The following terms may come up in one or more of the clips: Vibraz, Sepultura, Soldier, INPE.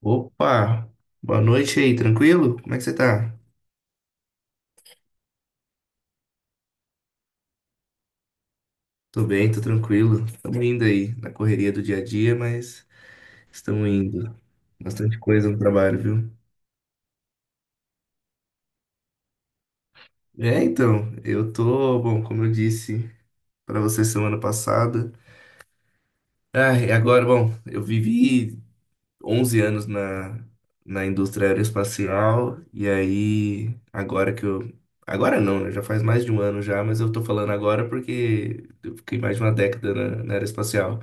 Opa, boa noite aí, tranquilo? Como é que você tá? Tô bem, tô tranquilo. Estamos indo aí na correria do dia a dia, mas estamos indo. Bastante coisa no trabalho, viu? Eu tô, bom, como eu disse pra você semana passada. E agora, bom, eu vivi 11 anos na indústria aeroespacial, e aí, agora que eu. Agora não, né? Já faz mais de um ano já, mas eu tô falando agora porque eu fiquei mais de uma década na aeroespacial.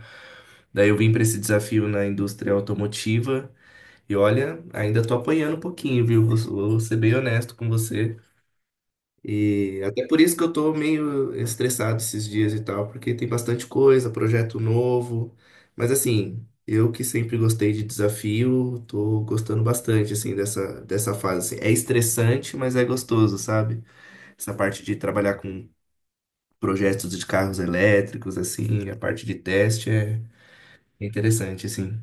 Daí eu vim para esse desafio na indústria automotiva, e olha, ainda tô apanhando um pouquinho, viu? Vou ser bem honesto com você. E até por isso que eu tô meio estressado esses dias e tal, porque tem bastante coisa, projeto novo. Mas assim, eu que sempre gostei de desafio, tô gostando bastante assim dessa fase. Assim. É estressante, mas é gostoso, sabe? Essa parte de trabalhar com projetos de carros elétricos assim, a parte de teste é interessante assim.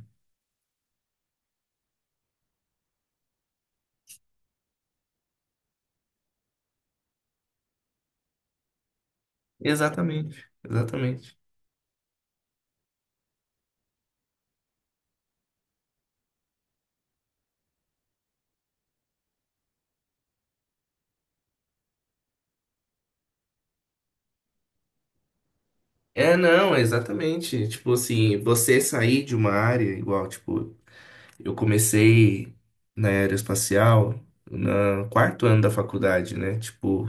Exatamente, exatamente. É, não, exatamente. Tipo assim, você sair de uma área igual, tipo, eu comecei na aeroespacial no quarto ano da faculdade, né? Tipo,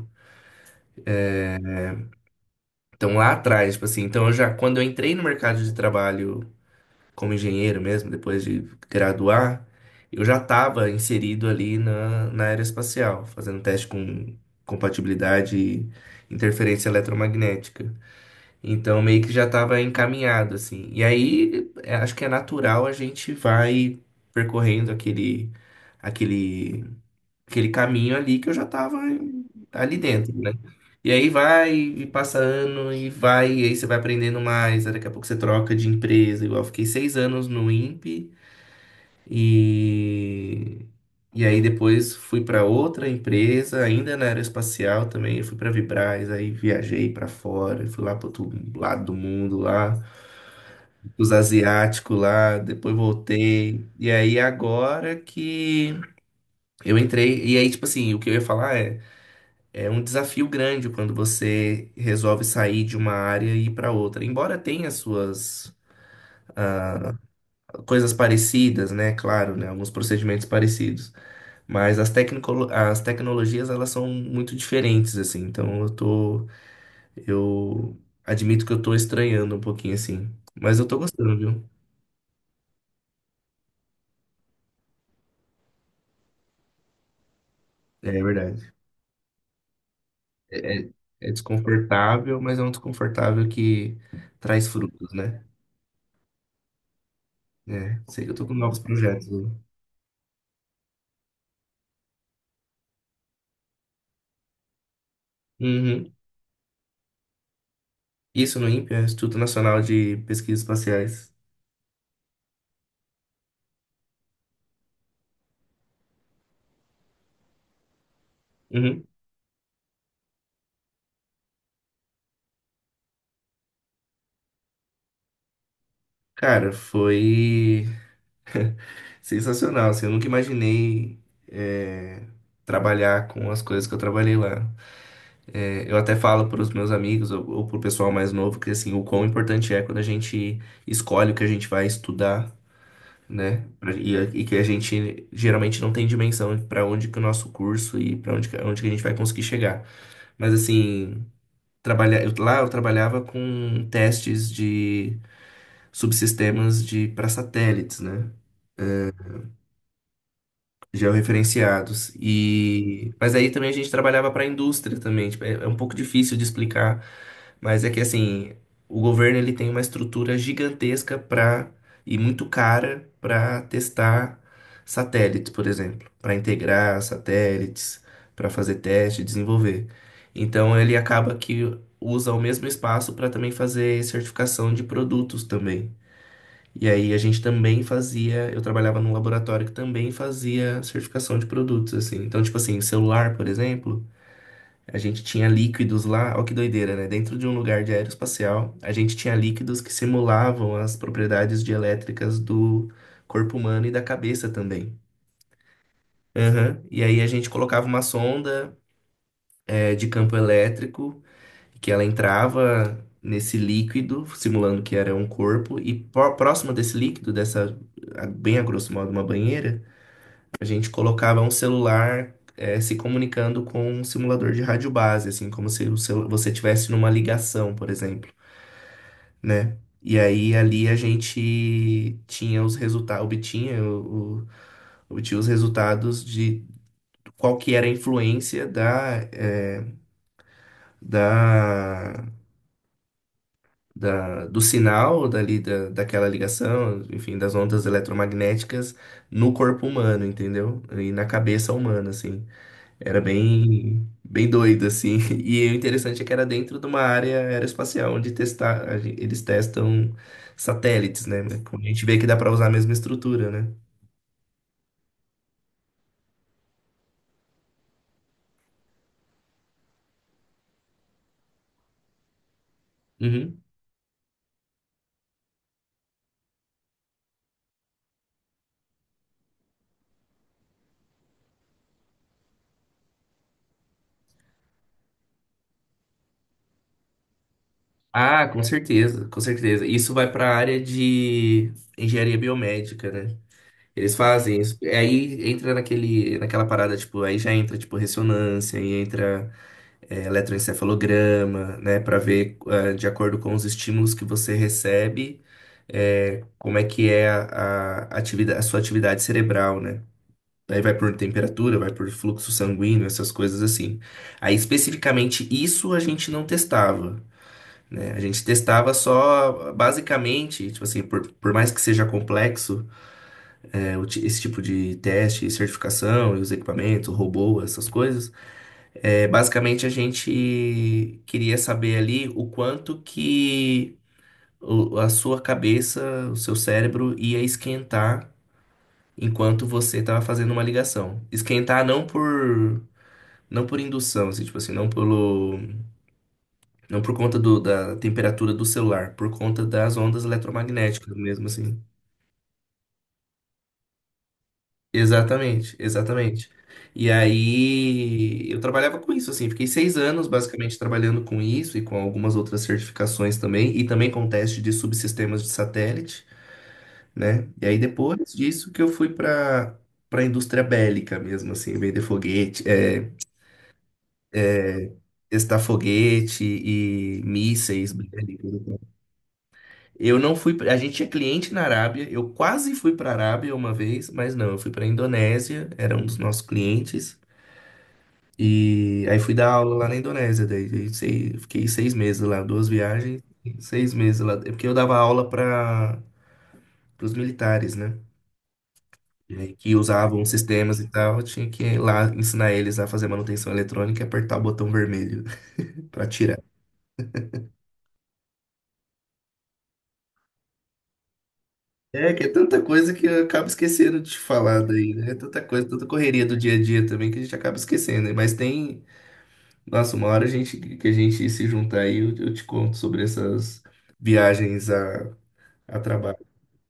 então lá atrás, tipo assim, então eu já, quando eu entrei no mercado de trabalho como engenheiro mesmo, depois de graduar, eu já estava inserido ali na aeroespacial, fazendo teste com compatibilidade e interferência eletromagnética. Então meio que já estava encaminhado, assim. E aí, é, acho que é natural a gente vai percorrendo aquele aquele caminho ali que eu já tava ali dentro, né? E aí vai e passa ano e vai, e aí você vai aprendendo mais, aí daqui a pouco você troca de empresa, igual eu fiquei seis anos no INPE e. E aí depois fui para outra empresa, ainda na aeroespacial também, eu fui para Vibraz, aí viajei para fora, fui lá para outro lado do mundo lá, os asiáticos lá, depois voltei. E aí agora que eu entrei, e aí tipo assim, o que eu ia falar é é um desafio grande quando você resolve sair de uma área e ir para outra. Embora tenha suas coisas parecidas, né? Claro, né? Alguns procedimentos parecidos. As tecnologias, elas são muito diferentes, assim. Então, eu tô... Eu admito que eu tô estranhando um pouquinho, assim. Mas eu tô gostando, viu? É, é verdade. É, é- É desconfortável, mas é um desconfortável que traz frutos, né? É, sei que eu tô com novos projetos, né? Uhum. Isso no INPE, né? Instituto Nacional de Pesquisas Espaciais. Uhum. Cara, foi sensacional, assim, eu nunca imaginei, é, trabalhar com as coisas que eu trabalhei lá. É, eu até falo para os meus amigos ou para o pessoal mais novo que assim, o quão importante é quando a gente escolhe o que a gente vai estudar, né? E que a gente geralmente não tem dimensão para onde que o nosso curso e para onde, onde que a gente vai conseguir chegar. Mas assim, trabalhar, lá eu trabalhava com testes de subsistemas de para satélites, né? Georreferenciados. E mas aí também a gente trabalhava para a indústria também, tipo, é é um pouco difícil de explicar, mas é que assim, o governo ele tem uma estrutura gigantesca para e muito cara para testar satélites, por exemplo, para integrar satélites, para fazer teste, desenvolver. Então ele acaba que usa o mesmo espaço para também fazer certificação de produtos também. E aí a gente também fazia, eu trabalhava num laboratório que também fazia certificação de produtos, assim. Então, tipo assim, celular, por exemplo, a gente tinha líquidos lá, ó que doideira, né? Dentro de um lugar de aeroespacial, a gente tinha líquidos que simulavam as propriedades dielétricas do corpo humano e da cabeça também. Aham. E aí a gente colocava uma sonda, de campo elétrico que ela entrava nesse líquido, simulando que era um corpo, e próximo desse líquido, dessa, bem a grosso modo, uma banheira, a gente colocava um celular, se comunicando com um simulador de rádio base, assim, como se o você tivesse numa ligação, por exemplo, né? E aí ali a gente tinha os resultados, obtinha, obtinha os resultados de qual que era a influência da, eh, da da, do sinal dali, daquela ligação, enfim, das ondas eletromagnéticas no corpo humano, entendeu? E na cabeça humana, assim. Era bem, bem doido, assim. E o interessante é que era dentro de uma área aeroespacial, onde testar, eles testam satélites, né? Como a gente vê que dá para usar a mesma estrutura, né? Uhum. Ah, com certeza, com certeza. Isso vai para a área de engenharia biomédica, né? Eles fazem isso. Aí entra naquela parada, tipo, aí já entra, tipo, ressonância, aí entra, eletroencefalograma, né, para ver, de acordo com os estímulos que você recebe, como é que é atividade, a sua atividade cerebral, né? Aí vai por temperatura, vai por fluxo sanguíneo, essas coisas assim. Aí, especificamente, isso a gente não testava, né? A gente testava só, basicamente, tipo assim, por mais que seja complexo, é, esse tipo de teste, certificação, e os equipamentos, robô, essas coisas. É, basicamente, a gente queria saber ali o quanto que a sua cabeça, o seu cérebro ia esquentar enquanto você estava fazendo uma ligação. Esquentar não por não por indução, assim, tipo assim, não pelo, não por conta da temperatura do celular, por conta das ondas eletromagnéticas mesmo, assim. Exatamente, exatamente. E aí eu trabalhava com isso, assim, fiquei seis anos basicamente trabalhando com isso e com algumas outras certificações também, e também com teste de subsistemas de satélite, né? E aí depois disso que eu fui para para a indústria bélica mesmo, assim, vender foguete, é, testar foguete e mísseis bélicos. Eu não fui, a gente tinha cliente na Arábia, eu quase fui para a Arábia uma vez, mas não, eu fui para a Indonésia, era um dos nossos clientes. E aí fui dar aula lá na Indonésia, fiquei seis meses lá, duas viagens, e seis meses lá. É porque eu dava aula para os militares, né? E aí que usavam sistemas e tal, eu tinha que ir lá ensinar eles a fazer manutenção eletrônica e apertar o botão vermelho para tirar. É que é tanta coisa que eu acabo esquecendo de te falar daí, né? É tanta coisa, tanta correria do dia a dia também que a gente acaba esquecendo, né? Mas tem, nossa, uma hora a gente, que a gente se juntar aí, eu te conto sobre essas viagens a trabalho.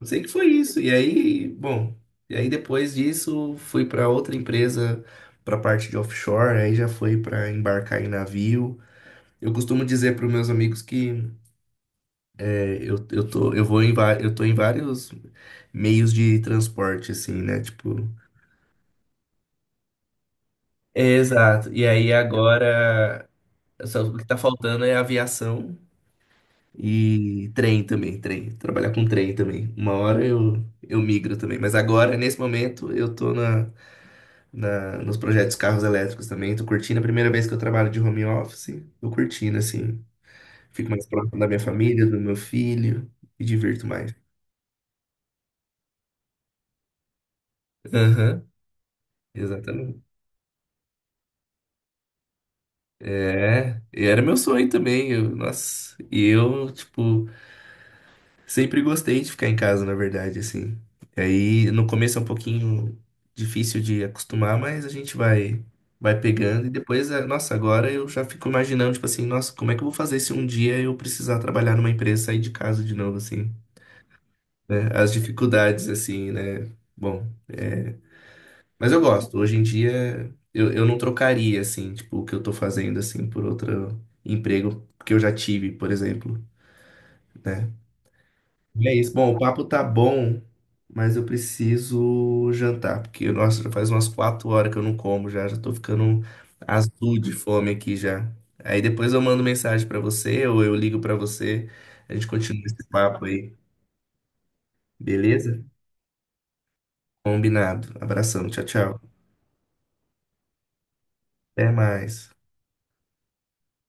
Eu sei que foi isso. E aí, bom, e aí depois disso fui para outra empresa para parte de offshore, aí já foi para embarcar em navio. Eu costumo dizer para os meus amigos que eu tô, eu tô em vários meios de transporte, assim, né? Tipo, é, exato. E aí agora, só o que tá faltando é aviação e trem também, trem. Trabalhar com trem também. Uma hora eu migro também. Mas agora, nesse momento, eu tô nos projetos carros elétricos também. Tô curtindo. A primeira vez que eu trabalho de home office, tô curtindo, assim. Fico mais próximo da minha família, do meu filho, me divirto mais. Aham, exatamente. É, e era meu sonho também. Eu, nossa, e eu, tipo, Sempre gostei de ficar em casa, na verdade, assim. E aí, no começo é um pouquinho difícil de acostumar, mas a gente vai pegando e depois, nossa, agora eu já fico imaginando, tipo assim, nossa, como é que eu vou fazer se um dia eu precisar trabalhar numa empresa e sair de casa de novo, assim, né? As dificuldades, assim, né? Bom, é... mas eu gosto. Hoje em dia, eu não trocaria, assim, tipo, o que eu tô fazendo, assim, por outro emprego que eu já tive, por exemplo, né? E é isso. Bom, o papo tá bom, mas eu preciso jantar, porque, nossa, já faz umas quatro horas que eu não como já, já tô ficando azul de fome aqui já. Aí depois eu mando mensagem pra você ou eu ligo pra você, a gente continua esse papo aí, beleza? Combinado. Abração, tchau, tchau. Até mais.